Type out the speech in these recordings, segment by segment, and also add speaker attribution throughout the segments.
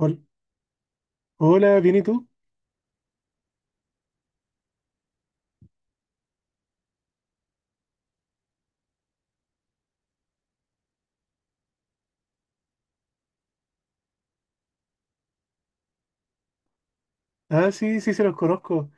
Speaker 1: Hol- Hola, ¿bien y tú? Ah, sí, sí, se los conozco.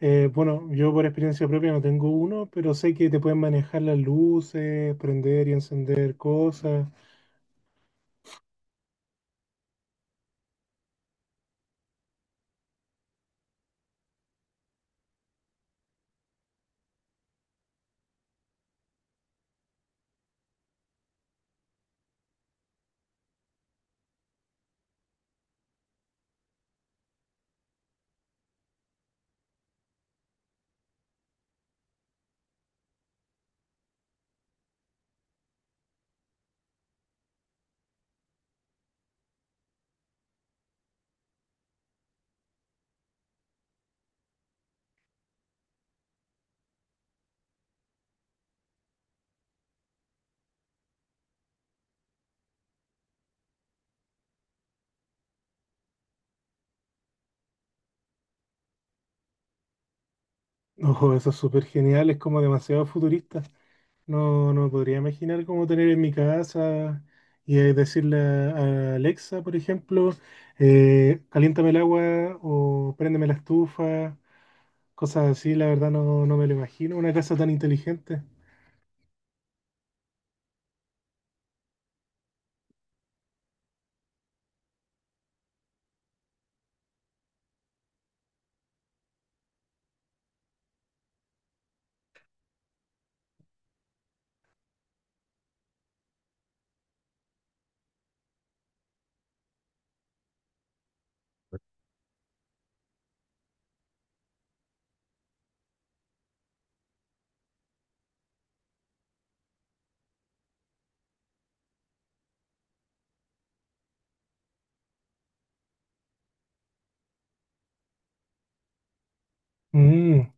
Speaker 1: Bueno, yo por experiencia propia no tengo uno, pero sé que te pueden manejar las luces, prender y encender cosas. Ojo, eso es súper genial, es como demasiado futurista. No, no me podría imaginar cómo tener en mi casa y decirle a Alexa, por ejemplo, caliéntame el agua o préndeme la estufa, cosas así, la verdad no, no me lo imagino, una casa tan inteligente. Mm.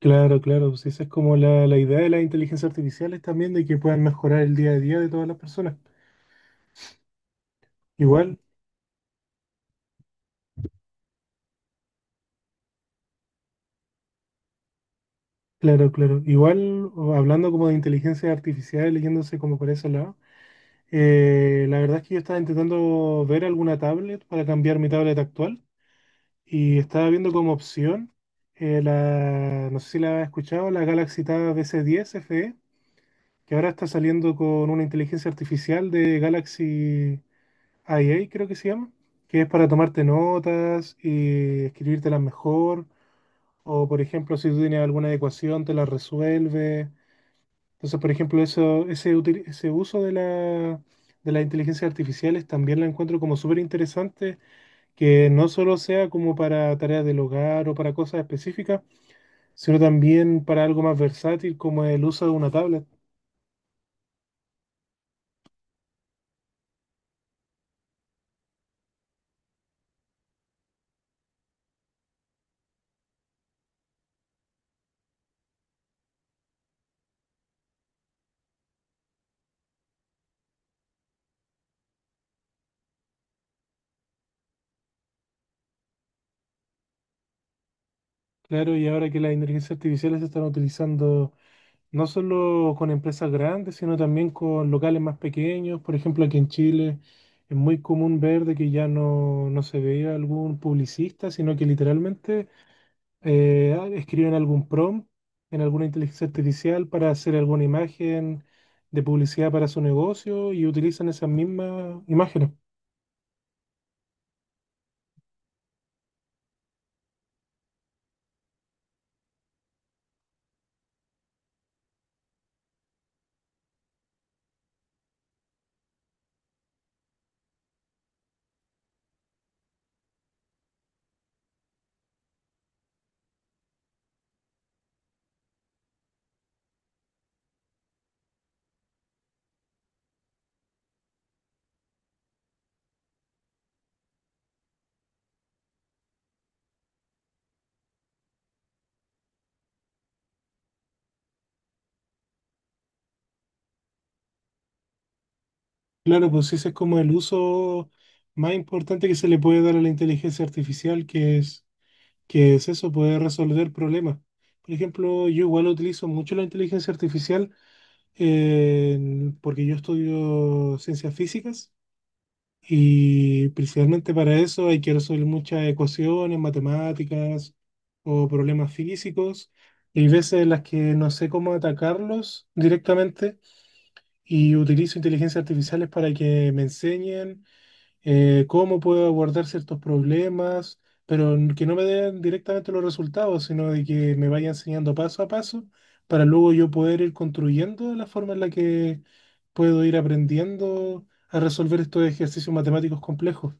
Speaker 1: Claro, claro, pues esa es como la idea de las inteligencias artificiales también, de que puedan mejorar el día a día de todas las personas. Igual, claro, claro, igual o hablando como de inteligencia artificial, leyéndose como por ese lado, la verdad es que yo estaba intentando ver alguna tablet para cambiar mi tablet actual y estaba viendo como opción la, no sé si la has escuchado, la Galaxy Tab S10 FE, que ahora está saliendo con una inteligencia artificial de Galaxy. AI creo que se llama, que es para tomarte notas y escribírtelas mejor, o por ejemplo, si tú tienes alguna ecuación, te la resuelve. Entonces, por ejemplo, eso, ese, ese uso de de las inteligencias artificiales también la encuentro como súper interesante, que no solo sea como para tareas del hogar o para cosas específicas, sino también para algo más versátil como el uso de una tablet. Claro, y ahora que las inteligencias artificiales se están utilizando no solo con empresas grandes, sino también con locales más pequeños. Por ejemplo, aquí en Chile es muy común ver de que ya no, no se veía algún publicista, sino que literalmente escriben algún prompt en alguna inteligencia artificial para hacer alguna imagen de publicidad para su negocio y utilizan esas mismas imágenes. Claro, pues ese es como el uso más importante que se le puede dar a la inteligencia artificial, que es eso, puede resolver problemas. Por ejemplo, yo igual utilizo mucho la inteligencia artificial porque yo estudio ciencias físicas y principalmente para eso hay que resolver muchas ecuaciones, matemáticas o problemas físicos. Y hay veces en las que no sé cómo atacarlos directamente y utilizo inteligencias artificiales para que me enseñen cómo puedo abordar ciertos problemas, pero que no me den directamente los resultados, sino de que me vaya enseñando paso a paso para luego yo poder ir construyendo la forma en la que puedo ir aprendiendo a resolver estos ejercicios matemáticos complejos.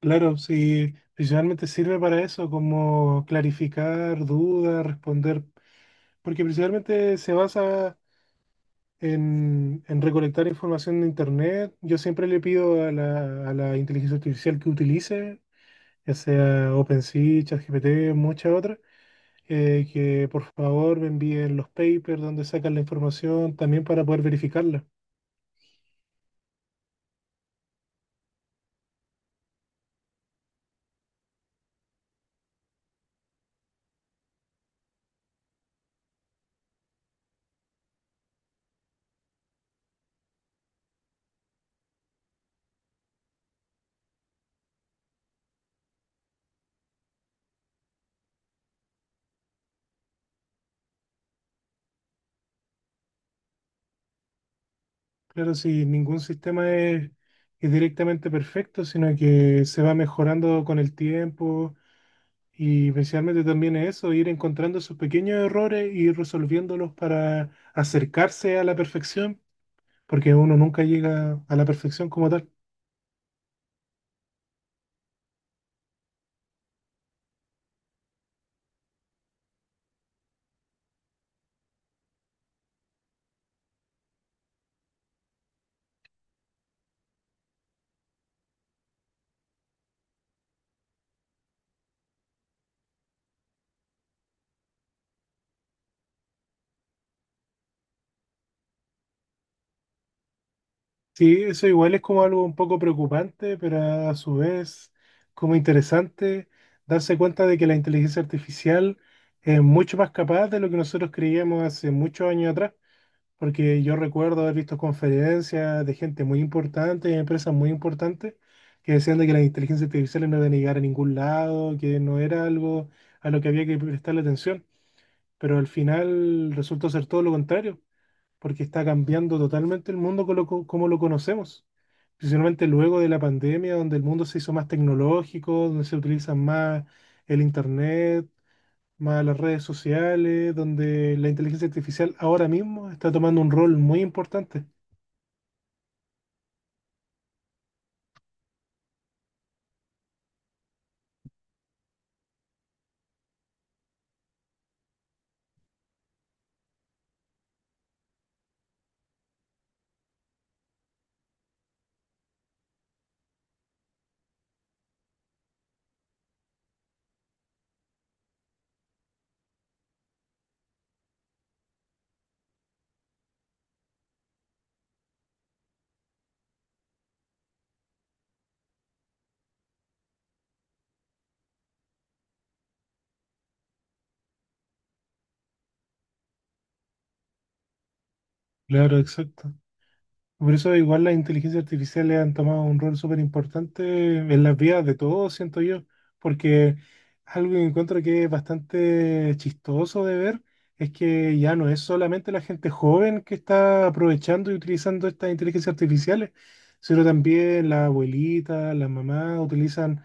Speaker 1: Claro, sí, principalmente sirve para eso, como clarificar dudas, responder, porque principalmente se basa en recolectar información de Internet. Yo siempre le pido a la inteligencia artificial que utilice, ya sea OpenAI, ChatGPT, muchas otras, que por favor me envíen los papers donde sacan la información también para poder verificarla. Claro, si ningún sistema es directamente perfecto, sino que se va mejorando con el tiempo. Y principalmente también es eso, ir encontrando sus pequeños errores y resolviéndolos para acercarse a la perfección porque uno nunca llega a la perfección como tal. Sí, eso igual es como algo un poco preocupante, pero a su vez como interesante darse cuenta de que la inteligencia artificial es mucho más capaz de lo que nosotros creíamos hace muchos años atrás, porque yo recuerdo haber visto conferencias de gente muy importante, de empresas muy importantes, que decían de que la inteligencia artificial no iba a llegar a ningún lado, que no era algo a lo que había que prestarle atención, pero al final resultó ser todo lo contrario porque está cambiando totalmente el mundo como como lo conocemos. Principalmente luego de la pandemia, donde el mundo se hizo más tecnológico, donde se utilizan más el internet, más las redes sociales, donde la inteligencia artificial ahora mismo está tomando un rol muy importante. Claro, exacto. Por eso igual las inteligencias artificiales han tomado un rol súper importante en las vidas de todos, siento yo, porque algo que encuentro que es bastante chistoso de ver es que ya no es solamente la gente joven que está aprovechando y utilizando estas inteligencias artificiales, sino también la abuelita, la mamá utilizan,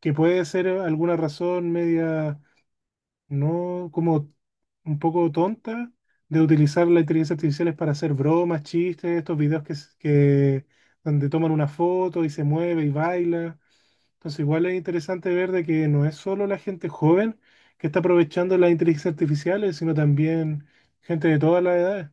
Speaker 1: que puede ser alguna razón media no como un poco tonta de utilizar la inteligencia artificial para hacer bromas, chistes, estos videos que donde toman una foto y se mueve y baila. Entonces igual es interesante ver de que no es solo la gente joven que está aprovechando las inteligencias artificiales, sino también gente de todas las edades.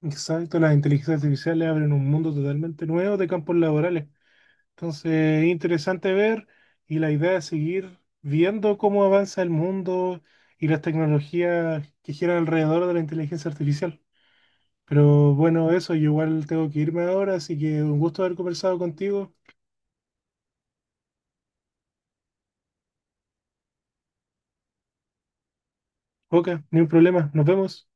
Speaker 1: Exacto, las inteligencias artificiales abren un mundo totalmente nuevo de campos laborales. Entonces, interesante ver y la idea es seguir viendo cómo avanza el mundo y las tecnologías que giran alrededor de la inteligencia artificial. Pero bueno, eso, yo igual tengo que irme ahora, así que un gusto haber conversado contigo. Ok, ni un problema, nos vemos.